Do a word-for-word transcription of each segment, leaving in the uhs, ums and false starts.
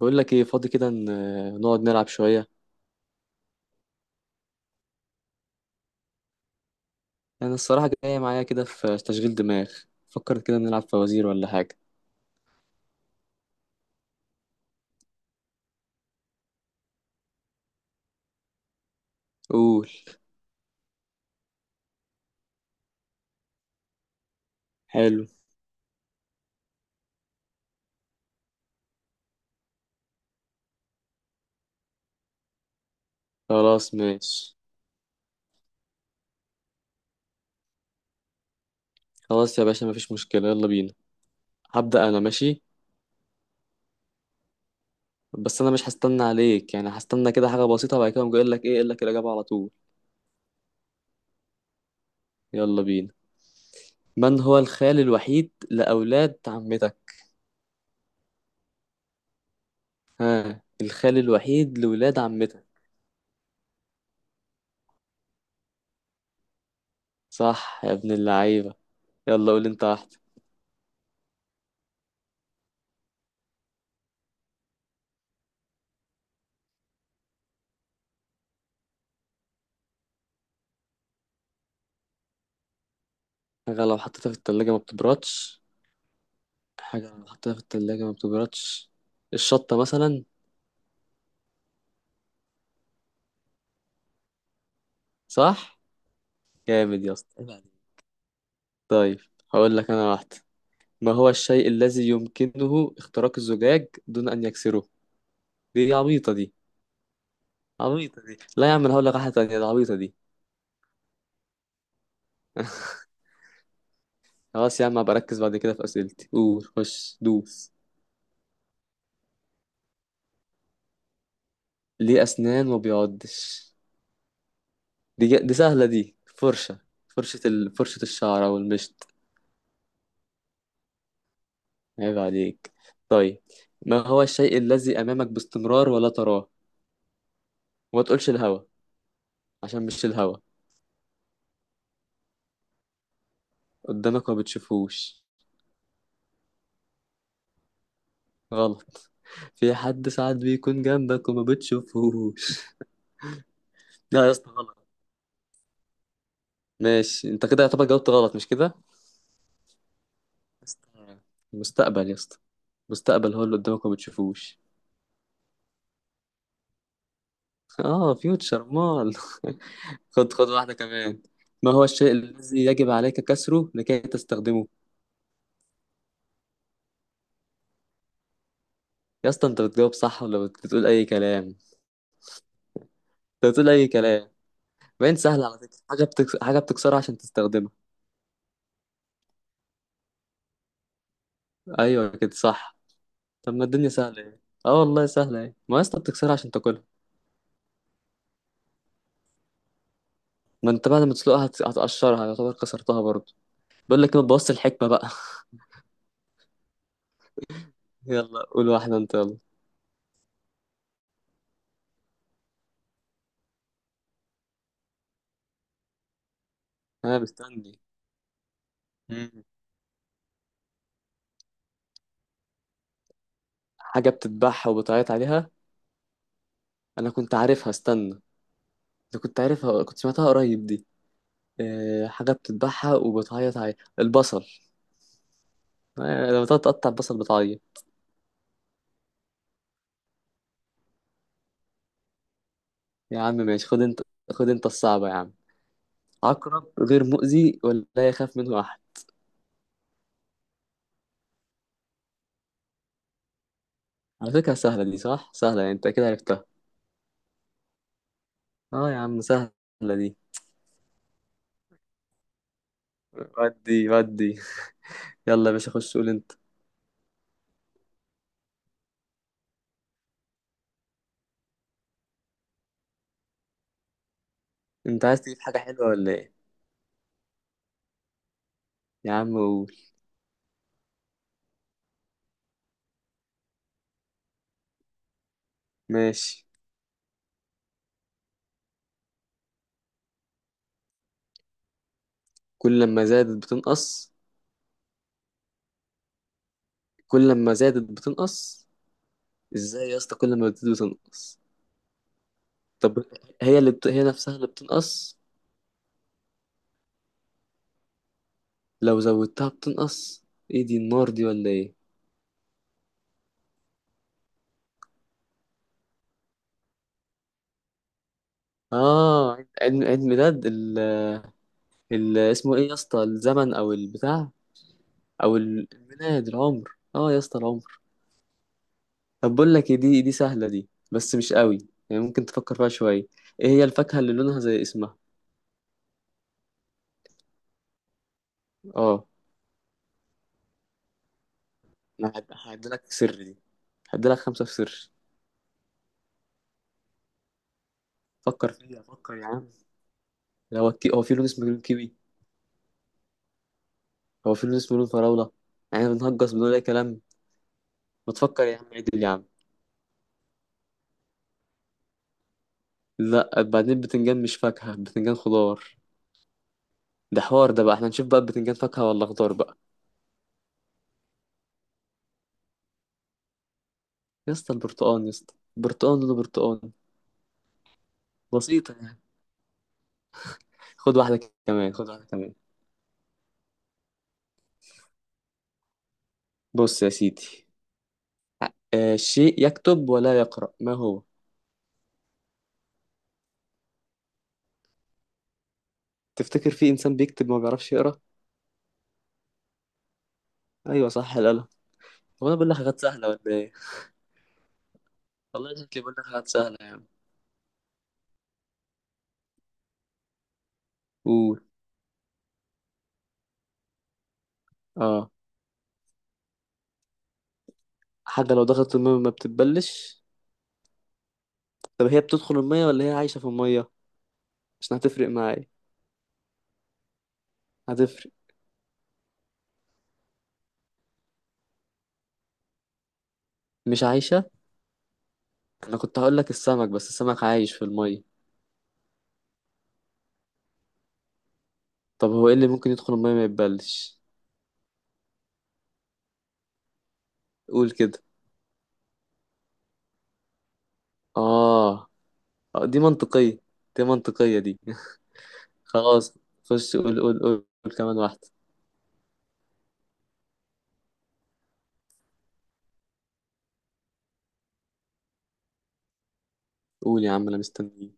بقول لك ايه؟ فاضي كده، ن- نقعد نلعب شوية. انا الصراحة جاية معايا كده في تشغيل دماغ. فكر كده، نلعب فوازير ولا حاجة. قول. حلو. خلاص ماشي. خلاص يا باشا، مفيش مشكلة، يلا بينا. هبدأ انا، ماشي. بس انا مش هستنى عليك، يعني هستنى كده حاجة بسيطة وبعد كده أقوم جاي اقول لك ايه، اقول لك الإجابة على طول. يلا بينا. من هو الخال الوحيد لأولاد عمتك؟ ها، الخال الوحيد لولاد عمتك. صح يا ابن اللعيبة. يلا قول انت واحدة. حاجة لو حطيتها في التلاجة ما بتبردش. حاجة بنحطها في التلاجة ما بتبردش، الشطة مثلا. صح؟ جامد يا اسطى، عيب عليك. طيب، هقول لك أنا واحدة. ما هو الشيء الذي يمكنه اختراق الزجاج دون أن يكسره؟ دي عبيطة دي. عبيطة دي، لا يا عم، أنا هقول لك واحدة تانية، دي عبيطة دي. خلاص يا عم، هبقى أركز بعد كده في أسئلتي. قول، خش دوس. ليه أسنان ما بيعضش؟ دي ج- دي سهلة، دي فرشة. فرشة ال... فرشة الشعر أو المشط. عيب عليك. طيب، ما هو الشيء الذي أمامك باستمرار ولا تراه؟ وما تقولش الهوا، عشان مش الهوا. قدامك ما بتشوفوش. غلط. في حد ساعات بيكون جنبك وما بتشوفوش. لا يا اسطى، غلط. ماشي، انت كده يعتبر جاوبت غلط، مش كده يا اسطى؟ المستقبل يا اسطى، المستقبل هو اللي قدامك وما بتشوفوش. اه، فيوتشر مال خد، خد واحدة كمان. ما هو الشيء الذي يجب عليك كسره لكي تستخدمه؟ يا اسطى، انت بتجاوب صح ولا بت- بتقول اي كلام؟ انت بتقول اي كلام. باين سهل على فكرة. حاجة بتكس... حاجة بتكسرها عشان تستخدمها. ايوه كده صح. طب ما الدنيا سهلة يعني. اه والله سهلة يعني، ما يا اسطى بتكسرها عشان تاكلها. ما انت بعد ما تسلقها هت- هتقشرها، يعتبر كسرتها برضه. بقول لك ايه، ما تبوظش الحكمة بقى يلا قول واحدة انت، يلا. انا مستني. مم. حاجة بتتباع وبتعيط عليها. انا كنت عارفها، استنى. انا كنت عارفها، كنت سمعتها قريب دي. أه، حاجة بتتباعها وبتعيط عليها، البصل. أه، لما تقعد تقطع البصل بتعيط. يا عم ماشي، خد انت. خد انت الصعبة يا عم. عقرب غير مؤذي ولا يخاف منه احد. على فكرة سهلة دي، صح، سهلة يعني، انت اكيد عرفتها. اه يا عم سهلة. دي، ودي ودي. يلا يا باشا، خش قول انت. انت عايز تجيب حاجة حلوة ولا ايه؟ يا عم قول. ماشي. كل لما زادت بتنقص. كل لما زادت بتنقص. ازاي يا اسطى كل ما بتزيد بتنقص؟ طب هي اللي بت... هي نفسها اللي بتنقص. لو زودتها بتنقص. ايه دي، النار دي ولا ايه؟ اه، عيد، عيد، عيد ميلاد ال... ال... اسمه ايه يا اسطى، الزمن او البتاع؟ او ال- الميلاد، العمر، اه يا اسطى العمر. طب بقول لك إيه، دي دي سهلة دي بس مش قوي، يعني ممكن تفكر فيها شوية. ايه هي الفاكهة اللي لونها زي اسمها؟ اه. انا هد- هديلك سر دي، هديلك خمسة في سر. فكر فيها، فكر يا عم. هو الكي... هو في لون اسمه لون كيوي؟ هو في لون اسمه لون فراولة؟ يعني بنهجس، بنقول اي كلام. ما تفكر يا عم، عدل يا عم. لا بعدين، البتنجان مش فاكهة، البتنجان خضار. ده حوار ده بقى، احنا نشوف بقى البتنجان فاكهة ولا خضار بقى. يا اسطى البرتقال، يا اسطى البرتقال لونه برتقال. بسيطة يعني. خد واحدة كمان. خد واحدة كمان. بص يا سيدي، آه، شيء يكتب ولا يقرأ، ما هو؟ تفتكر في إنسان بيكتب ما بيعرفش يقرأ؟ أيوة صح، القلم. هو أنا بقول لك حاجات سهلة ولا إيه؟ والله شكلي بقول لك حاجات سهلة يا عم. قول. آه. حاجة لو دخلت المية ما بتتبلش. طب هي بتدخل المية ولا هي عايشة في المية؟ عشان هتفرق معايا. هتفرق. مش عايشة. أنا كنت هقول لك السمك، بس السمك عايش في المية. طب هو إيه اللي ممكن يدخل المية ما يتبلش؟ قول كده. آه. آه، دي منطقية. دي منطقية دي خلاص. خش قول، قول، قول، قول كمان واحدة. قول يا عم، انا مستنيك.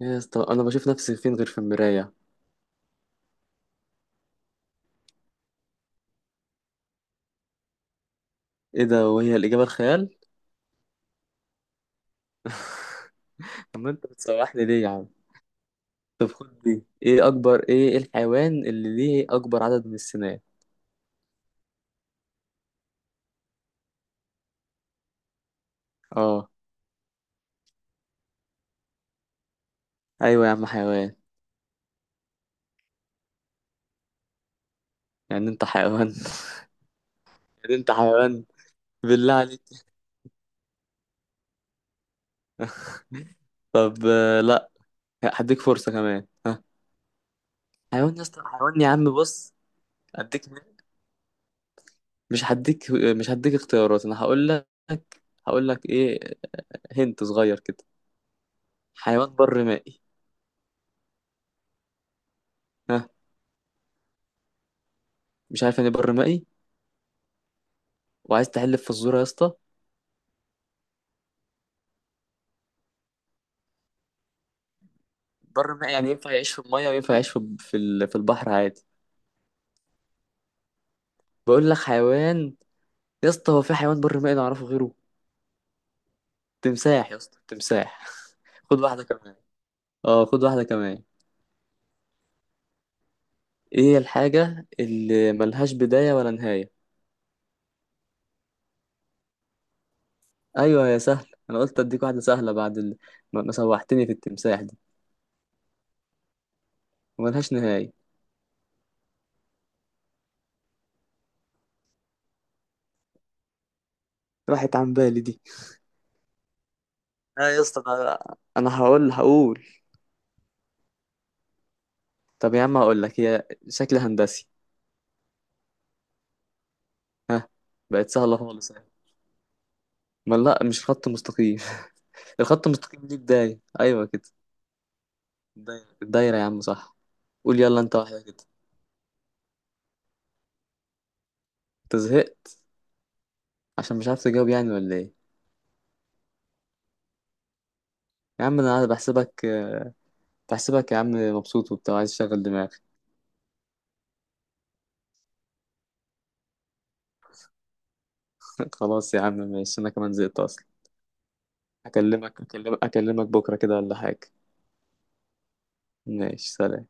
يا اسطى انا بشوف نفسي فين غير في المرايه؟ ايه ده، وهي الاجابه الخيال؟ طب ما انت بتسوحني ليه يا عم؟ طب خد دي. ايه اكبر، ايه، إيه الحيوان اللي ليه اكبر عدد من السنان؟ اه. ايوه يا عم، حيوان. يعني انت حيوان؟ يعني انت حيوان. بالله عليك. طب آه، لا، هديك فرصه كمان، ها. حيوان يا اسطى، حيوان يا عم، بص. هديك، مش هديك، مش هديك اختيارات، انا هقول لك. هقول لك ايه، هنت صغير كده. حيوان بر مائي. ها، مش عارف يعني إيه بر مائي؟ وعايز تحلف في الزور يا اسطى؟ بر الماء يعني ينفع يعيش في الميه وينفع يعيش في في ال- في البحر عادي. بقول لك حيوان يا اسطى، هو في حيوان بر مائي نعرفه غيره؟ تمساح يا اسطى، تمساح خد واحده كمان. اه خد واحده كمان. ايه الحاجه اللي ملهاش بدايه ولا نهايه؟ ايوه يا سهل، انا قلت اديك واحده سهله بعد ال... ما ما سوحتني في التمساح دي. وملهاش نهايه. راحت عن بالي دي. اه يا اسطى انا، أنا هقول هقول. طب يا عم هقول لك، هي شكل هندسي. ها. بقت سهله خالص. ما لا، مش خط مستقيم. الخط المستقيم ليه بداية. أيوة كده. الدايرة، الدايرة يا عم صح. قول يلا أنت واحدة كده. أنت زهقت؟ عشان مش عارف تجاوب يعني ولا إيه؟ يا عم أنا بحسبك، بحسبك يا عم مبسوط وبتاع، عايز تشغل دماغك. خلاص يا عم ماشي، أنا كمان زهقت أصلا. أكلمك، أكلمك أكلمك بكرة كده ولا حاجة؟ ماشي، سلام.